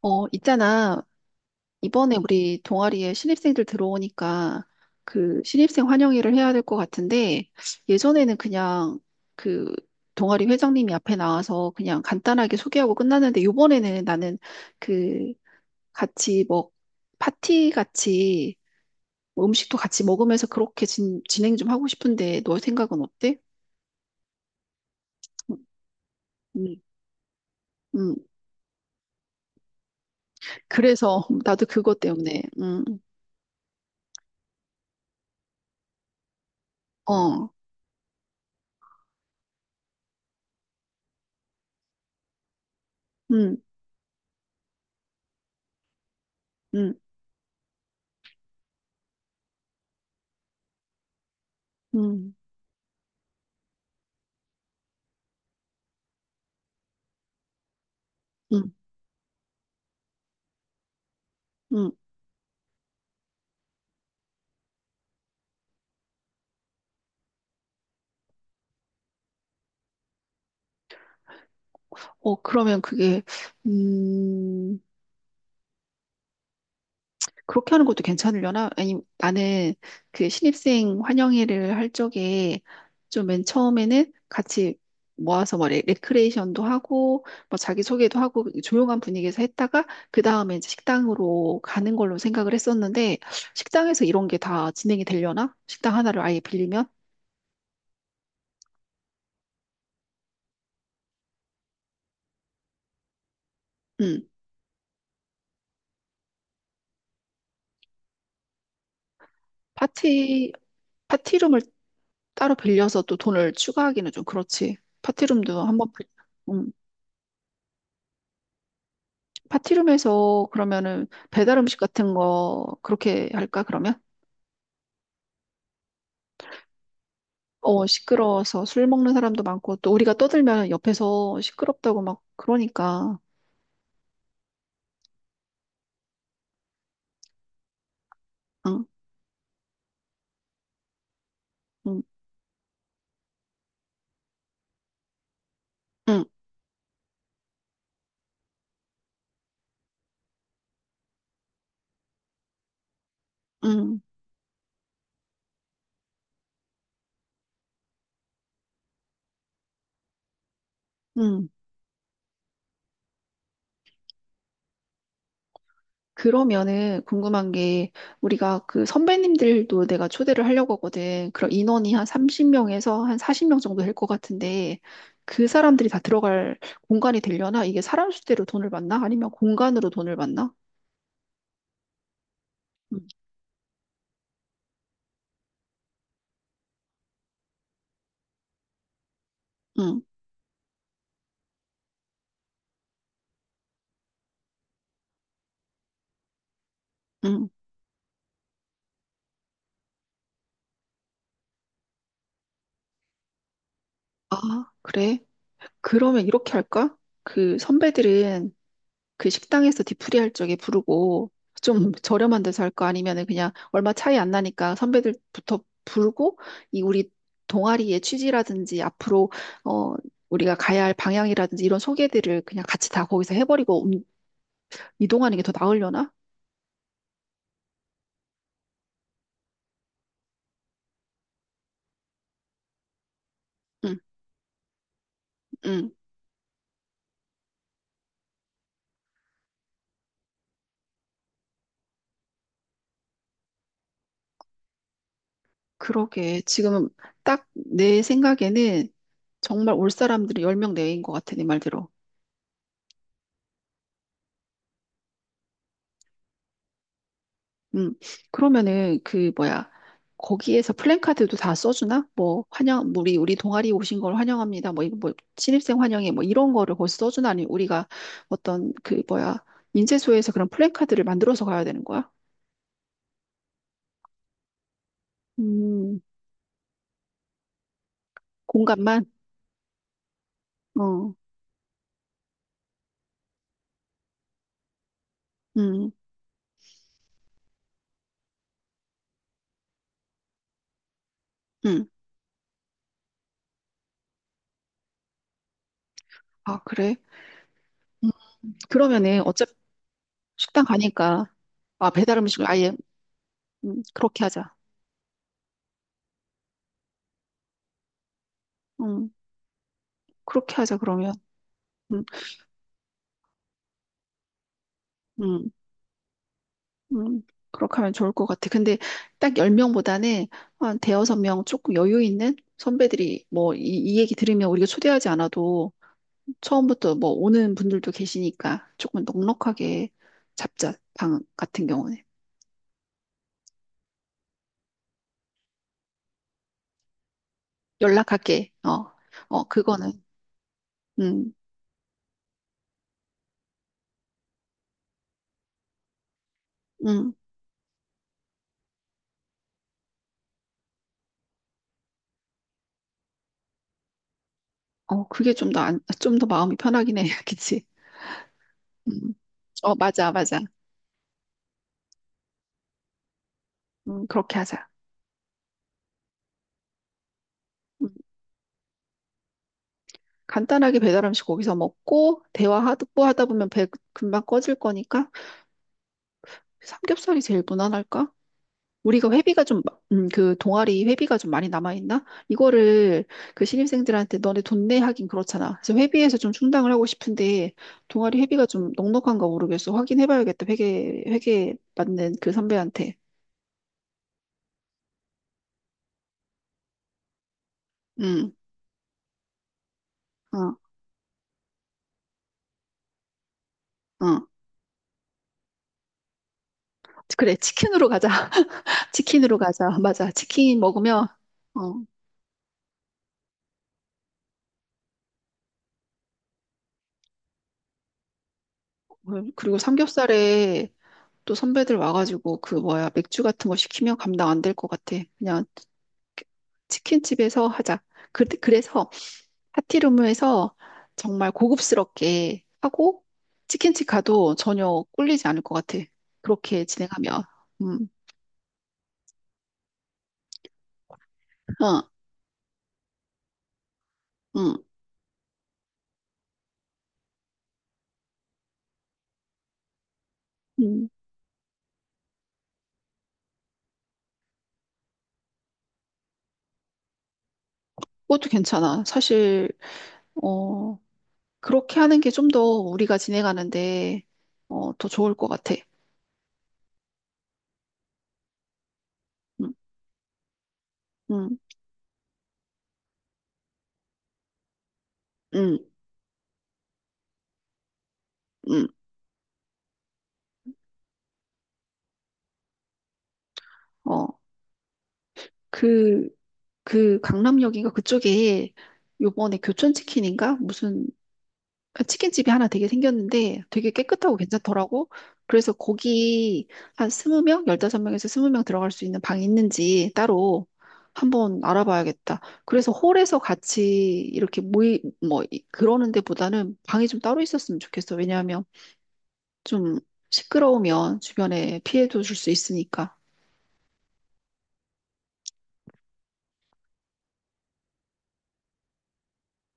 있잖아. 이번에 우리 동아리에 신입생들 들어오니까 그 신입생 환영회를 해야 될 것 같은데 예전에는 그냥 그 동아리 회장님이 앞에 나와서 그냥 간단하게 소개하고 끝났는데 이번에는 나는 그 같이 뭐 파티 같이 뭐 음식도 같이 먹으면서 그렇게 진행 좀 하고 싶은데 너 생각은 어때? 음, 음. 그래서 나도 그것 때문에. 어, 음, 음, 음, 음, 음. 어, 그러면 그게, 음, 그렇게 하는 것도 괜찮으려나? 아니, 나는 그 신입생 환영회를 할 적에 좀 맨 처음에는 같이 모아서 뭐 레크레이션도 하고, 뭐 자기소개도 하고, 조용한 분위기에서 했다가, 그 다음에 이제 식당으로 가는 걸로 생각을 했었는데, 식당에서 이런 게 다 진행이 되려나? 식당 하나를 아예 빌리면? 음, 파티, 파티룸을 따로 빌려서 또 돈을 추가하기는 좀 그렇지. 파티룸도 한번 빌려. 파티룸에서 그러면은 배달 음식 같은 거 그렇게 할까, 그러면? 어, 시끄러워서 술 먹는 사람도 많고 또 우리가 떠들면 옆에서 시끄럽다고 막 그러니까. 응, 응, 응, 응, 응. 그러면은 궁금한 게 우리가 그 선배님들도 내가 초대를 하려고 하거든. 그럼 인원이 한 30명에서 한 40명 정도 될 것 같은데 그 사람들이 다 들어갈 공간이 되려나? 이게 사람 수대로 돈을 받나? 아니면 공간으로 돈을 받나? 응, 응, 응. 아, 그래? 그러면 이렇게 할까? 그 선배들은 그 식당에서 디프리 할 적에 부르고 좀 저렴한 데서 할까? 아니면은 그냥 얼마 차이 안 나니까 선배들부터 부르고 이 우리 동아리의 취지라든지 앞으로 어 우리가 가야 할 방향이라든지 이런 소개들을 그냥 같이 다 거기서 해버리고 이동하는 게 더 나으려나? 응, 응. 그러게. 지금 딱 내 생각에는 정말 올 사람들이 10명 내외인 것 같아, 네 말대로. 음, 그러면은 그 뭐야 거기에서 플랜카드도 다 써주나? 뭐 환영 우리 동아리 오신 걸 환영합니다. 뭐 이거 뭐 신입생 환영회 뭐 이런 거를 거기 서 써주나? 아니 우리가 어떤 그 뭐야 인쇄소에서 그런 플랜카드를 만들어서 가야 되는 거야? 음, 공간만? 어, 음, 음, 아 그래? 음, 그러면은 어차피 식당 가니까 아 배달 음식을 아예 그렇게 하자. 음, 그렇게 하자 그러면. 음, 음. 음, 그렇게 하면 좋을 것 같아. 근데 딱 10명보다는 한 대여섯 명 조금 여유 있는 선배들이 뭐 이 얘기 들으면 우리가 초대하지 않아도 처음부터 뭐 오는 분들도 계시니까 조금 넉넉하게 잡자. 방 같은 경우는. 연락할게. 어, 어, 그거는. 음, 음. 어, 그게 좀 더, 안, 좀 더 마음이 편하긴 해. 그치? 음. 어, 맞아, 맞아. 그렇게 하자. 음, 간단하게 배달 음식 거기서 먹고, 대화 하다 보면 배 금방 꺼질 거니까, 삼겹살이 제일 무난할까? 우리가 회비가 좀, 그 동아리 회비가 좀 많이 남아있나? 이거를 그 신입생들한테 너네 돈내 하긴 그렇잖아. 그래서 회비에서 좀 충당을 하고 싶은데 동아리 회비가 좀 넉넉한가 모르겠어. 확인해봐야겠다. 회계 맞는 그 선배한테. 응, 어, 어. 그래, 치킨으로 가자. 치킨으로 가자. 맞아. 치킨 먹으면, 어, 그리고 삼겹살에 또 선배들 와가지고 그 뭐야, 맥주 같은 거 시키면 감당 안 될 것 같아. 그냥 치킨집에서 하자. 그래서 파티룸에서 정말 고급스럽게 하고 치킨집 가도 전혀 꿀리지 않을 것 같아. 그렇게 진행하면. 음, 어, 음, 음. 그것도 괜찮아. 사실, 어, 그렇게 하는 게 좀 더 우리가 진행하는데, 더 좋을 것 같아. 음, 음, 음, 음. 어, 그, 그 강남역인가 그쪽에 요번에 교촌치킨인가? 무슨 그러니까 치킨집이 하나 되게 생겼는데 되게 깨끗하고 괜찮더라고. 그래서 거기 한 20명, 15명에서 20명 들어갈 수 있는 방이 있는지 따로 한번 알아봐야겠다. 그래서 홀에서 같이 이렇게 그러는 데보다는 방이 좀 따로 있었으면 좋겠어. 왜냐하면 좀 시끄러우면 주변에 피해도 줄 수 있으니까.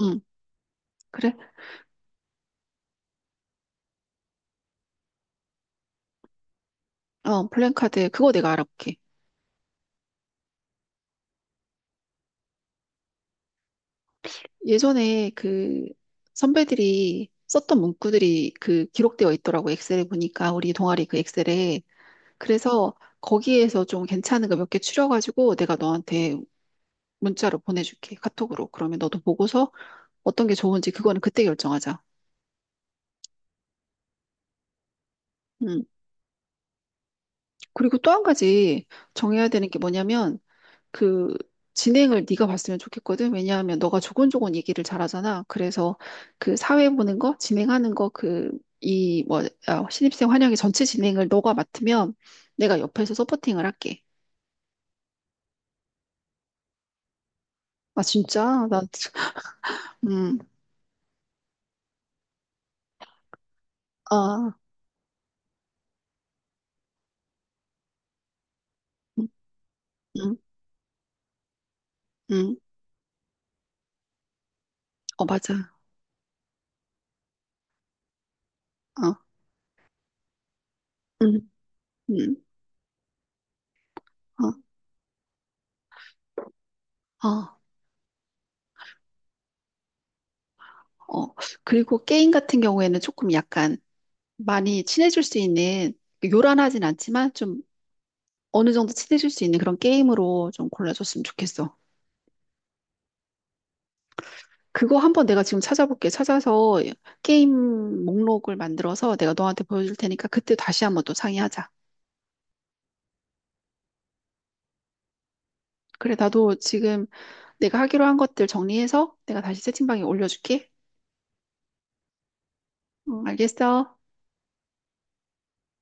응, 그래. 어, 플랜카드, 그거 내가 알아볼게. 예전에 그 선배들이 썼던 문구들이 그 기록되어 있더라고 엑셀에 보니까 우리 동아리 그 엑셀에 그래서 거기에서 좀 괜찮은 거 몇 개 추려가지고 내가 너한테 문자로 보내줄게 카톡으로 그러면 너도 보고서 어떤 게 좋은지 그거는 그때 결정하자. 음 그리고 또 한 가지 정해야 되는 게 뭐냐면 그 진행을 네가 봤으면 좋겠거든. 왜냐하면 너가 조곤조곤 얘기를 잘하잖아. 그래서 그 사회 보는 거, 진행하는 거, 그 이뭐 신입생 환영회 전체 진행을 너가 맡으면 내가 옆에서 서포팅을 할게. 아 진짜? 나 음, 아, 음, 음, 음. 어 맞아. 어, 음, 음, 어, 어, 어. 그리고 게임 같은 경우에는 조금 약간 많이 친해질 수 있는 요란하진 않지만 좀 어느 정도 친해질 수 있는 그런 게임으로 좀 골라줬으면 좋겠어. 그거 한번 내가 지금 찾아볼게. 찾아서 게임 목록을 만들어서 내가 너한테 보여줄 테니까 그때 다시 한번 또 상의하자. 그래, 나도 지금 내가 하기로 한 것들 정리해서 내가 다시 채팅방에 올려줄게. 응, 알겠어.